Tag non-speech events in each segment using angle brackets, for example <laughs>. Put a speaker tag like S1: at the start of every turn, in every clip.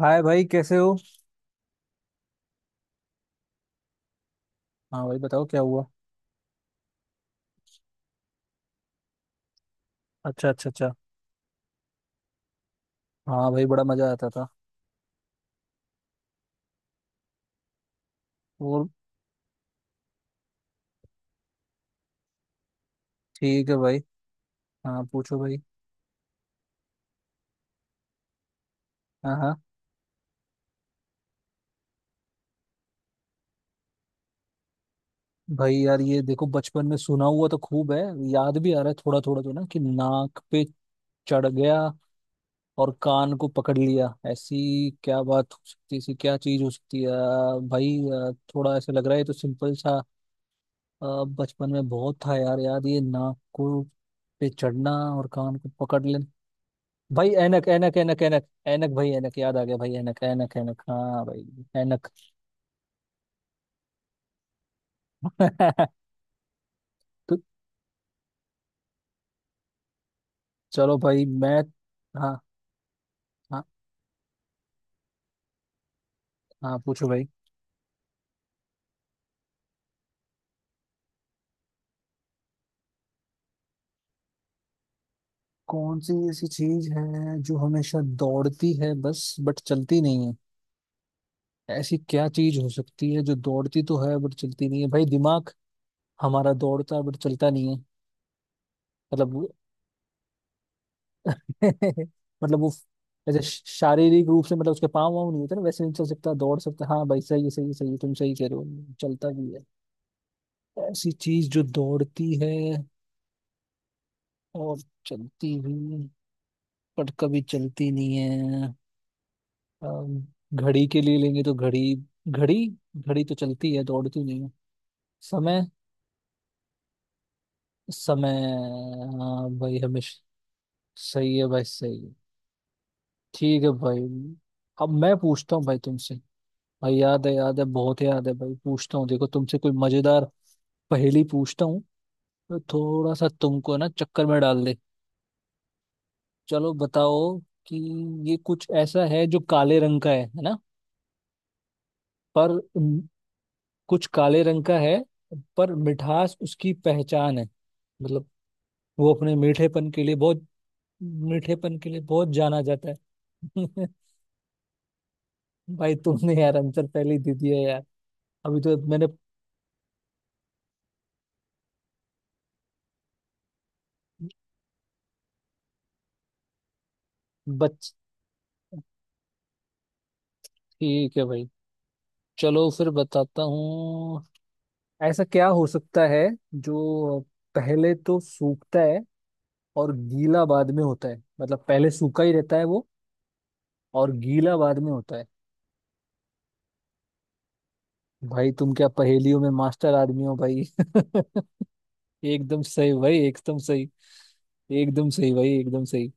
S1: हाय भाई, कैसे हो? हाँ भाई, बताओ क्या हुआ? अच्छा, अच्छा, अच्छा। हाँ भाई, बड़ा मजा आता था। और ठीक है भाई। हाँ, पूछो भाई। हाँ, हाँ। भाई यार, ये देखो, बचपन में सुना हुआ तो खूब है। याद भी आ रहा है थोड़ा थोड़ा, तो ना कि नाक पे चढ़ गया और कान को पकड़ लिया। ऐसी क्या बात हो सकती है, ऐसी क्या चीज हो सकती है? भाई, थोड़ा ऐसा लग रहा है, ये तो सिंपल सा। बचपन में बहुत था यार, याद ये नाक को पे चढ़ना और कान को पकड़ लेना। भाई, ऐनक ऐनक ऐनक ऐनक ऐनक, भाई ऐनक, याद आ गया भाई, ऐनक ऐनक ऐनक, हाँ भाई, ऐनक। <laughs> तो चलो भाई, मैं। हाँ हाँ। हाँ, पूछो भाई। कौन सी ऐसी चीज है जो हमेशा दौड़ती है, बस बट चलती नहीं है? ऐसी क्या चीज हो सकती है जो दौड़ती तो है बट चलती नहीं है? भाई, दिमाग हमारा दौड़ता है बट चलता नहीं है। मतलब वो <laughs> मतलब वो ऐसे। शारीरिक रूप से मतलब उसके पाँव वाँव नहीं होते ना, वैसे नहीं चल सकता, दौड़ सकता। हाँ भाई, सही है, सही है, सही है, तुम सही कह रहे हो, चलता भी है। ऐसी चीज जो दौड़ती है और चलती भी, पर कभी चलती नहीं है। अम, घड़ी के लिए लेंगे तो घड़ी। घड़ी। घड़ी तो चलती है, दौड़ती नहीं है। समय। समय। हाँ भाई, हमेशा। सही है भाई, सही है। ठीक है भाई। अब मैं पूछता हूँ भाई तुमसे। भाई याद है, याद है, बहुत याद है भाई। पूछता हूँ देखो तुमसे कोई मजेदार पहेली पूछता हूँ, तो थोड़ा सा तुमको ना चक्कर में डाल दे। चलो बताओ कि ये कुछ ऐसा है जो काले रंग का है ना? पर म, कुछ काले रंग का है, पर मिठास उसकी पहचान है। मतलब वो अपने मीठेपन के लिए बहुत, मीठेपन के लिए बहुत जाना जाता है। <laughs> भाई, तुमने यार आंसर पहले ही दे दिया यार। अभी तो मैंने। बच ठीक है भाई, चलो फिर बताता हूँ। ऐसा क्या हो सकता है जो पहले तो सूखता है और गीला बाद में होता है? मतलब पहले सूखा ही रहता है वो, और गीला बाद में होता है। भाई, तुम क्या पहेलियों में मास्टर आदमी हो भाई। <laughs> एकदम सही भाई, एकदम सही। एकदम सही भाई, एकदम सही।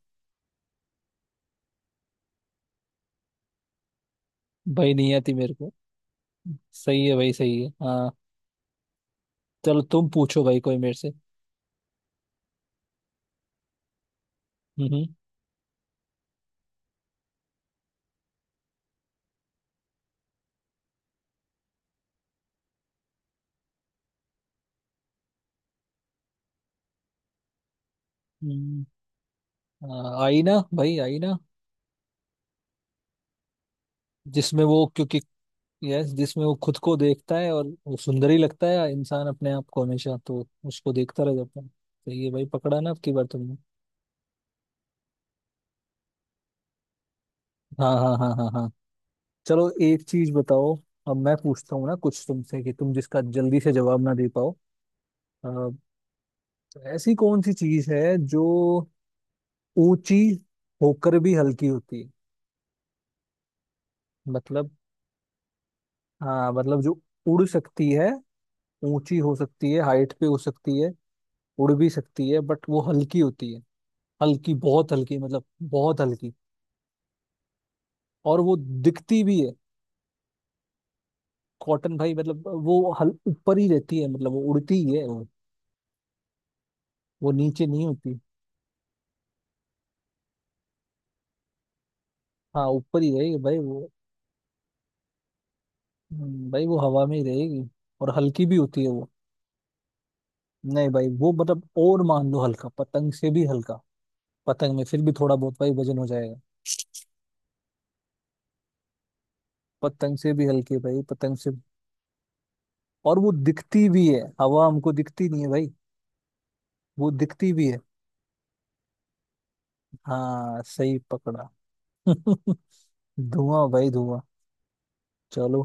S1: भाई नहीं आती मेरे को। सही है भाई, सही है, हाँ। चलो तुम पूछो भाई कोई मेरे से। हम्म। हम्म। आईना भाई, आईना। जिसमें वो क्योंकि, यस, जिसमें वो खुद को देखता है और वो सुंदर ही लगता है, इंसान अपने आप को हमेशा, तो उसको देखता रह जाता है। सही है भाई, पकड़ा ना आपकी बार तुमने। हाँ, हाँ, हाँ, हाँ, हाँ। चलो एक चीज बताओ। अब मैं पूछता हूँ ना कुछ तुमसे कि तुम जिसका जल्दी से जवाब ना दे पाओ। अ, ऐसी कौन सी चीज है जो ऊंची होकर भी हल्की होती है? मतलब। हाँ मतलब जो उड़ सकती है, ऊंची हो सकती है, हाइट पे हो सकती है, उड़ भी सकती है, बट वो हल्की होती है। हल्की, बहुत हल्की, मतलब बहुत हल्की। और वो दिखती भी है। कॉटन भाई? मतलब वो हल ऊपर ही रहती है, मतलब वो उड़ती ही है वो नीचे नहीं होती। हाँ, ऊपर ही है ये भाई वो। भाई वो हवा में ही रहेगी और हल्की भी होती है वो। नहीं भाई वो मतलब, और मान लो हल्का, पतंग से भी हल्का, पतंग में फिर भी थोड़ा बहुत भाई वजन हो जाएगा। पतंग से भी हल्की है भाई, पतंग से। और वो दिखती भी है, हवा हमको दिखती नहीं है भाई, वो दिखती भी है। हाँ, सही पकड़ा। <laughs> धुआं भाई, धुआं। चलो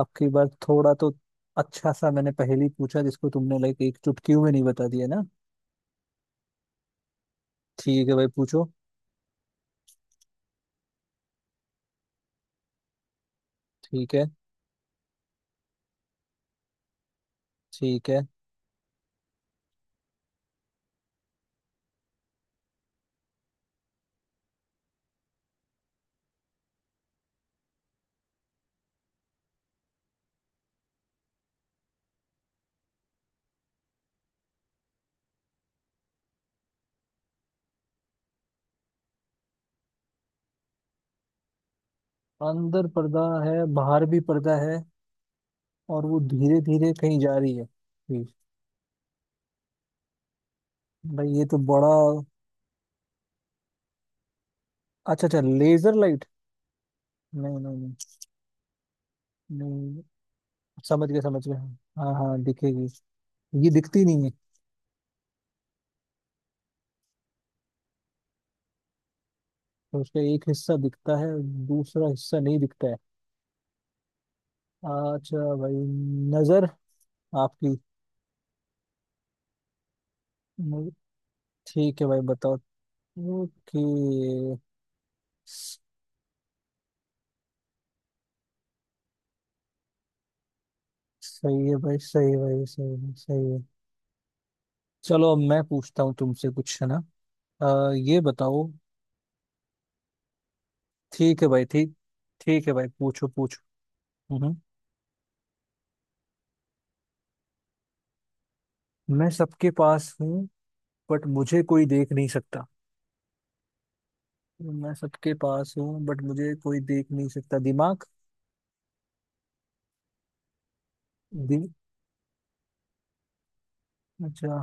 S1: अब की बार थोड़ा तो अच्छा सा मैंने पहेली पूछा, जिसको तुमने लाइक एक चुटकी में नहीं बता दिया ना। ठीक है भाई, पूछो। ठीक है। ठीक है। अंदर पर्दा है, बाहर भी पर्दा है, और वो धीरे धीरे कहीं जा रही है। जी। भाई, ये तो बड़ा। अच्छा, अच्छा, लेजर लाइट? नहीं, नहीं। नहीं, नहीं। समझ गया, समझ गया। हाँ, हाँ दिखेगी। ये दिखती नहीं है। तो उसका एक हिस्सा दिखता है, दूसरा हिस्सा नहीं दिखता है। अच्छा भाई, नजर आपकी? न- ठीक है भाई, बताओ। ओके। सही है भाई, सही है भाई, सही है, सही है। चलो अब मैं पूछता हूँ तुमसे कुछ, है ना? ये बताओ। ठीक है भाई, ठीक। ठीक है भाई, पूछो पूछो। हम्म। मैं सबके पास हूँ बट मुझे कोई देख नहीं सकता। मैं सबके पास हूँ बट मुझे कोई देख नहीं सकता, दिमाग? दि... अच्छा,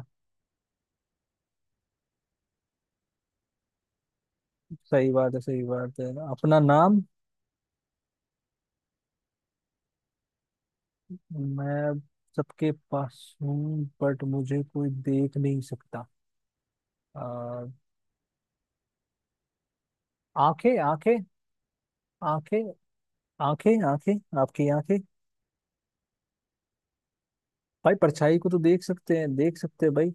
S1: सही बात है, सही बात है, अपना नाम? मैं सबके पास हूँ बट मुझे कोई देख नहीं सकता। आ, आंखें, आंखें। आंखें, आंखें, आंखें आपकी, आंखें। भाई परछाई को तो देख सकते हैं, देख सकते हैं भाई।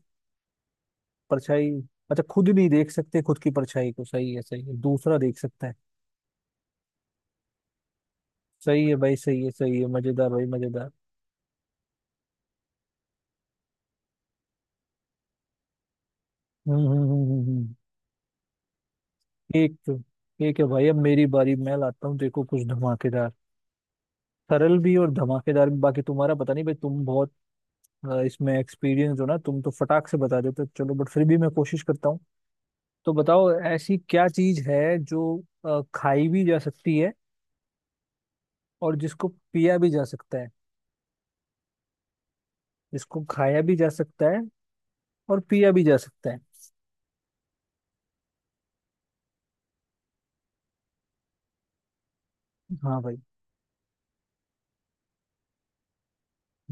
S1: परछाई। अच्छा, खुद नहीं देख सकते खुद की परछाई को, सही है, सही है, दूसरा देख सकता है। सही है भाई, सही है, सही है, मजेदार भाई, मजेदार। हम्म, हम्म, हम्म, ठीक। ठीक है भाई, अब मेरी बारी। मैं लाता हूँ देखो कुछ धमाकेदार, सरल भी और धमाकेदार भी। बाकी तुम्हारा पता नहीं भाई, तुम बहुत इसमें एक्सपीरियंस हो ना, तुम तो फटाक से बता देते हो। चलो बट फिर भी मैं कोशिश करता हूँ। तो बताओ ऐसी क्या चीज है जो खाई भी जा सकती है, और जिसको पिया भी जा सकता है, जिसको खाया भी जा सकता है और पिया भी जा सकता है। हाँ भाई।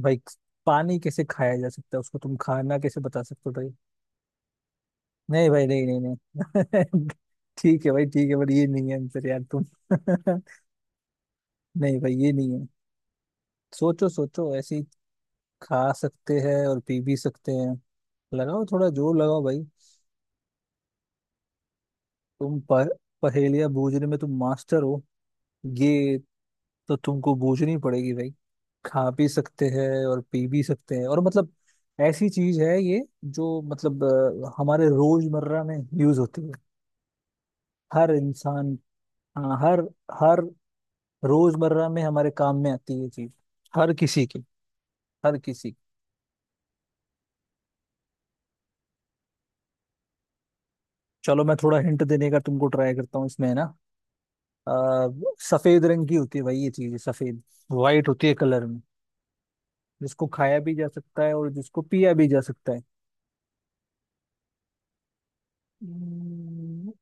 S1: भाई पानी कैसे खाया जा सकता है, उसको तुम खाना कैसे बता सकते हो भाई? नहीं भाई, नहीं, नहीं, नहीं। <laughs> ठीक है भाई, ठीक है बट ये नहीं है आंसर यार तुम। <laughs> नहीं भाई, ये नहीं है। सोचो, सोचो, ऐसे ही खा सकते हैं और पी भी सकते हैं। लगाओ थोड़ा जोर लगाओ भाई। तुम पर पहेलियां बूझने में तुम मास्टर हो, ये तो तुमको बूझनी पड़ेगी भाई। खा भी सकते हैं और पी भी सकते हैं और मतलब ऐसी चीज है ये, जो मतलब हमारे रोजमर्रा में यूज होती है, हर इंसान। हाँ, हर, हर रोजमर्रा में हमारे काम में आती है ये चीज, हर किसी की, हर किसी की। चलो मैं थोड़ा हिंट देने का तुमको ट्राई करता हूँ इसमें, है ना? अ, सफेद रंग की होती है भाई, ये चीज सफेद, वाइट होती है कलर में, जिसको खाया भी जा सकता है और जिसको पिया भी जा सकता है। हम्म,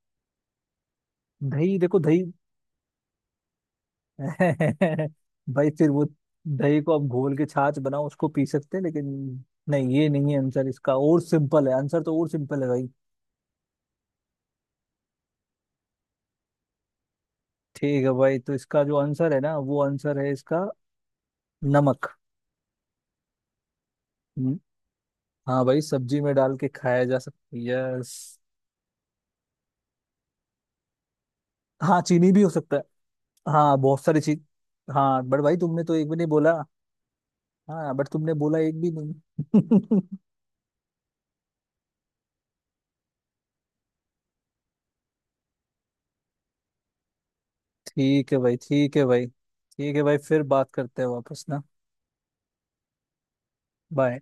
S1: दही? देखो दही। <laughs> भाई फिर वो, दही को आप घोल के छाछ बनाओ उसको पी सकते हैं, लेकिन नहीं, ये नहीं है आंसर इसका, और सिंपल है आंसर, तो और सिंपल है भाई। ठीक है भाई, तो इसका जो आंसर है ना, वो आंसर है इसका, नमक। हम्म, हाँ भाई, सब्जी में डाल के खाया जा सकता है, यस। हाँ, चीनी भी हो सकता है। हाँ, बहुत सारी चीज। हाँ बट भाई तुमने तो एक भी नहीं बोला। हाँ बट तुमने बोला एक भी नहीं। <laughs> ठीक है भाई, ठीक है भाई, ठीक है भाई, फिर बात करते हैं वापस ना। बाय।